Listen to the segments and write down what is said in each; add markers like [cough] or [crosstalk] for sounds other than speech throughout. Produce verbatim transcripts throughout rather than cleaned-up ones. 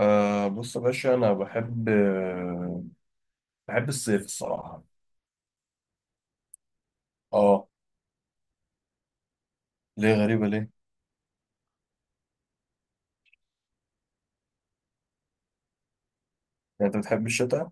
آه، بص يا باشا، أنا بحب آه بحب الصيف الصراحة. أه. ليه غريبة ليه؟ يعني أنت بتحب الشتاء؟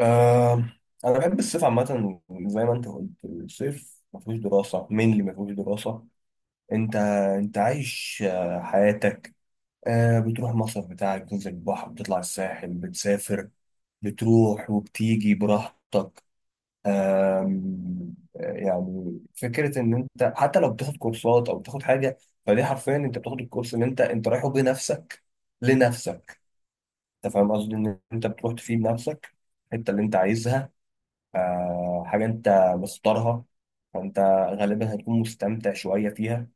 آه، أنا بحب الصيف عامة. زي ما أنت قلت، الصيف مفيهوش دراسة. مين اللي مفيهوش دراسة؟ أنت. أنت عايش آه، حياتك. آه بتروح المصيف بتاعك، بتنزل البحر، بتطلع الساحل، بتسافر، بتروح وبتيجي براحتك. آم، يعني فكره ان انت حتى لو بتاخد كورسات او بتاخد حاجه، فدي حرفيا انت بتاخد الكورس اللي انت انت رايحه بنفسك لنفسك. انت فاهم قصدي ان انت بتروح تفيد نفسك الحته اللي انت عايزها، آه، حاجه انت مختارها. فانت غالبا هتكون مستمتع شويه فيها،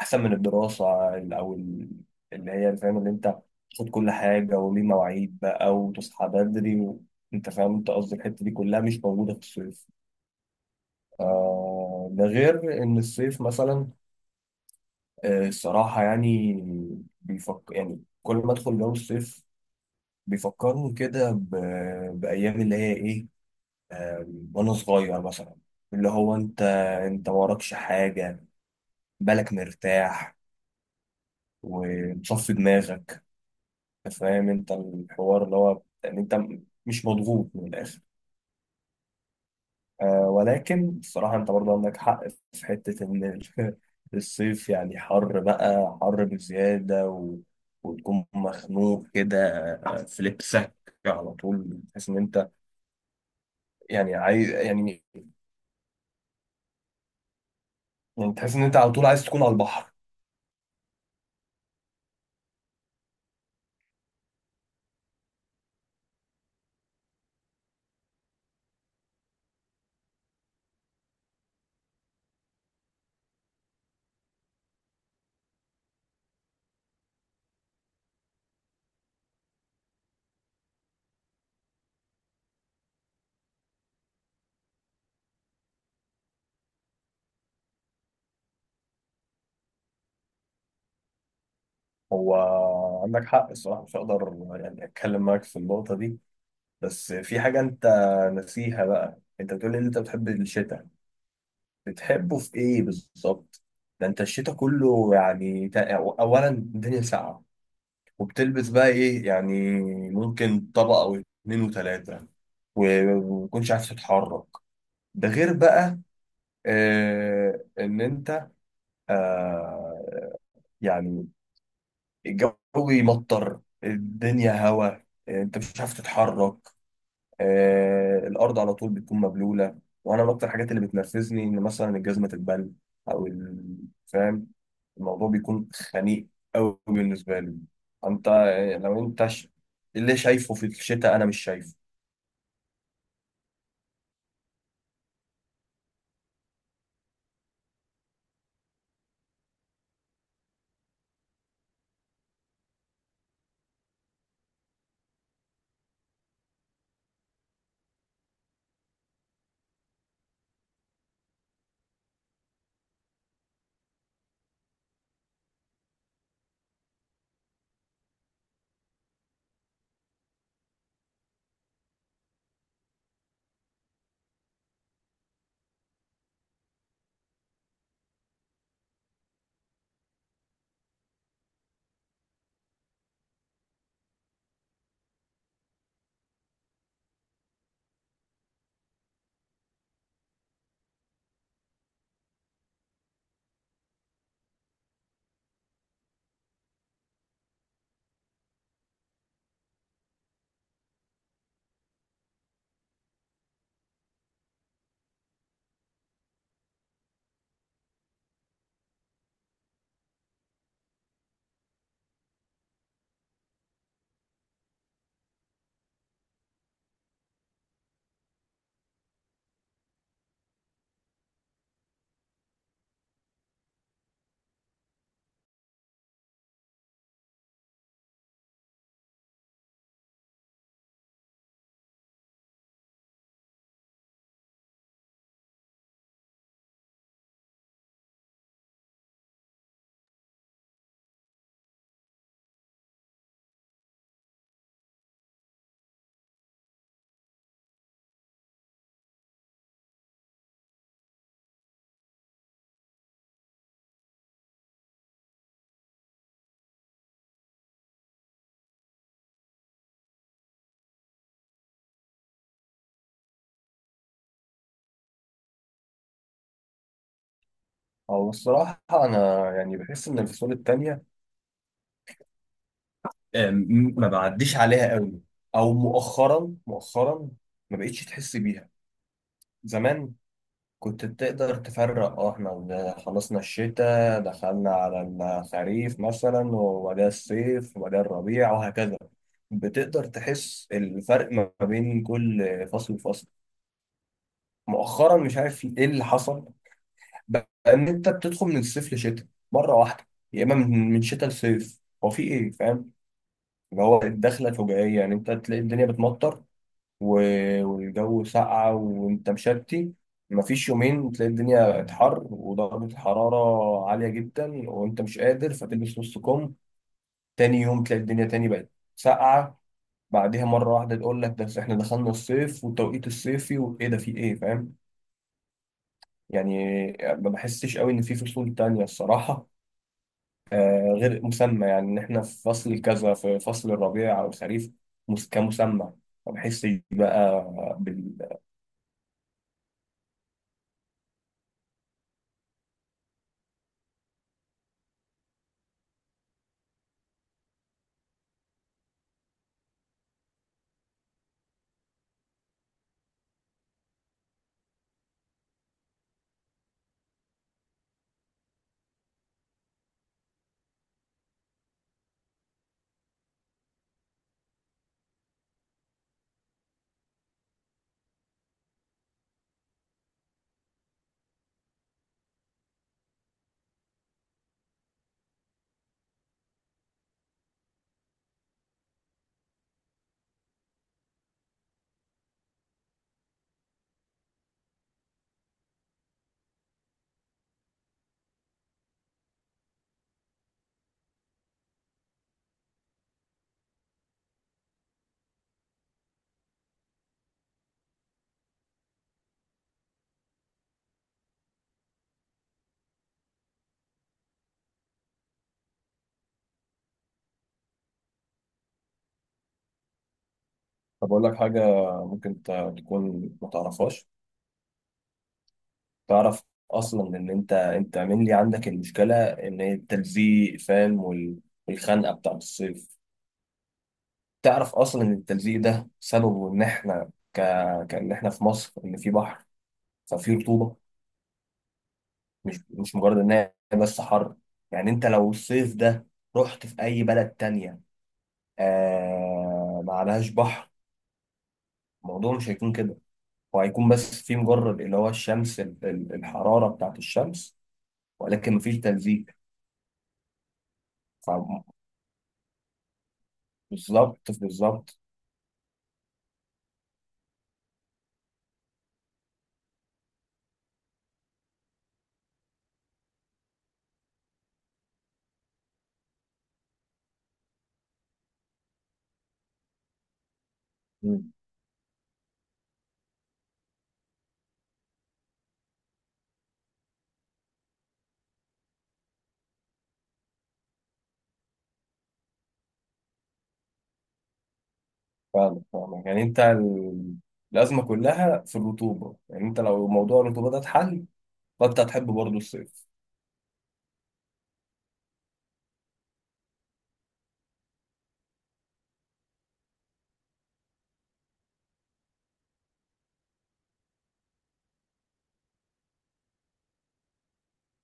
احسن من الدراسه ال- او ال- اللي هي فاهم، اللي انت تاخد كل حاجه وليه مواعيد بقى وتصحى بدري و... انت فاهم انت قصدي الحته دي كلها مش موجوده في الصيف. آه، ده غير ان الصيف مثلا آه، الصراحه يعني بيفكر، يعني كل ما ادخل جو الصيف بيفكرني كده ب- بايام اللي هي ايه وانا صغير مثلا، اللي هو انت انت وراكش حاجه، بالك مرتاح ومصفي دماغك. فاهم انت الحوار اللي هو يعني انت مش مضغوط من الاخر. آه، ولكن الصراحة أنت برضه عندك حق في حتة إن ال- [laughs] الصيف يعني حر بقى، حر بزيادة و... وتكون مخنوق كده آه، في لبسك. على طول تحس إن أنت يعني عايز يعني يعني تحس إن أنت على طول عايز تكون على البحر. هو عندك حق الصراحة، مش هقدر يعني أتكلم معاك في النقطة دي. بس في حاجة أنت ناسيها بقى، أنت بتقول إن أنت بتحب الشتاء، بتحبه في ايه بالظبط؟ ده انت الشتاء كله يعني تا- اولا الدنيا ساقعه، وبتلبس بقى ايه يعني؟ ممكن طبقه او اتنين وتلاته، وما تكونش عارف تتحرك. ده غير بقى آه ان انت آه يعني الجو يمطر، الدنيا هوا، آه، انت مش عارف تتحرك. آه الارض على طول بتكون مبلوله، وانا من اكتر الحاجات اللي بتنرفزني ان مثلا الجزمه تتبل او ال- فاهم؟ الموضوع بيكون خنيق قوي بالنسبه لي. انت آه، لو انت ش... اللي شايفه في الشتاء انا مش شايفه. هو الصراحه انا يعني بحس ان الفصول التانية آه، م- ما بعديش عليها قوي، او مؤخرا مؤخرا ما بقتش تحس بيها. زمان كنت بتقدر تفرق، اه احنا ب- خلصنا الشتاء دخلنا على الخريف مثلا، وبعدها الصيف وبعدها الربيع وهكذا. بتقدر تحس الفرق ما بين كل فصل وفصل. مؤخرا مش عارف ايه اللي حصل، بقى ان انت بتدخل من الصيف لشتاء مرة واحدة، يا اما من من شتاء لصيف، هو في ايه فاهم؟ اللي هو الدخلة الفجائية. يعني انت تلاقي الدنيا بتمطر و- والجو ساقعة وانت مشتي، مفيش يومين تلاقي الدنيا اتحر ودرجة الحرارة عالية جدا وانت مش قادر فتلبس نص كم، تاني يوم تلاقي الدنيا تاني بقت ساقعة، بعدها مرة واحدة تقول لك ده احنا دخلنا الصيف والتوقيت الصيفي وايه ده في ايه فاهم؟ يعني ما بحسش قوي ان في فصول تانية الصراحة، آه، غير مسمى. يعني ان احنا في فصل كذا، في فصل الربيع او الخريف مس- كمسمى، ما بحسش بقى. طب أقول لك حاجة، ممكن ت- تكون ما تعرفهاش. تعرف أصلا إن أنت أنت mainly عندك المشكلة، إن هي التلزيق فاهم وال- والخنقة بتاعت الصيف. تعرف أصلا إن التلزيق ده سببه إن إحنا ك... كإن إحنا في مصر، إن في بحر، ففي رطوبة. مش مش مجرد إن هي بس حر. يعني أنت لو الصيف ده رحت في أي بلد تانية آه... ما عليهاش بحر، الموضوع مش هيكون كده، وهيكون بس في مجرد اللي هو الشمس ال- ال- الحرارة بتاعت الشمس، ولكن مفيش تلزيق. فاهم؟ بالظبط بالظبط. مم. فاهمك فاهمك، يعني انت ال- الازمه كلها في الرطوبه. يعني انت لو موضوع الرطوبه ده اتحل، فانت هتحب برضه الصيف.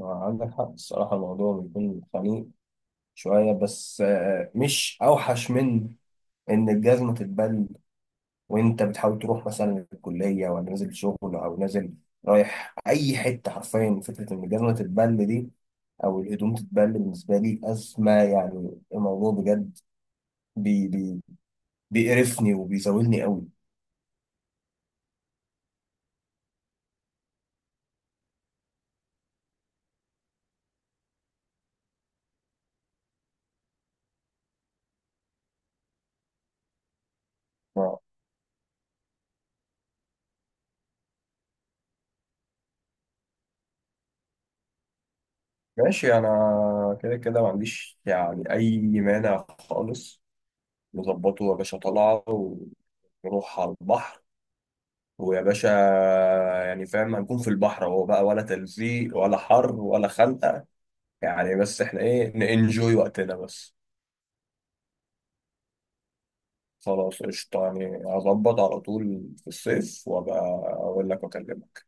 عندك حق الصراحة، الموضوع بيكون خنيق شويه بس، آه، مش اوحش من ان الجزمه تتبل وانت بتحاول تروح مثلا الكليه ولا نازل شغل او نازل رايح اي حته. حرفيا فكره ان الجزمه تتبل دي او الهدوم تتبل بالنسبه لي ازمه، يعني الموضوع بجد بي بي بيقرفني وبيزاولني قوي. ما- ماشي، انا كده كده ما عنديش يعني اي مانع خالص. نظبطه يا باشا، طلعه ونروح على البحر ويا باشا، يعني فاهم هنكون في البحر اهو بقى، ولا تلزيق ولا حر ولا خنقه، يعني بس احنا ايه ننجوي وقتنا بس. خلاص قشطه، يعني هظبط على طول في الصيف وابقى اقول لك واكلمك.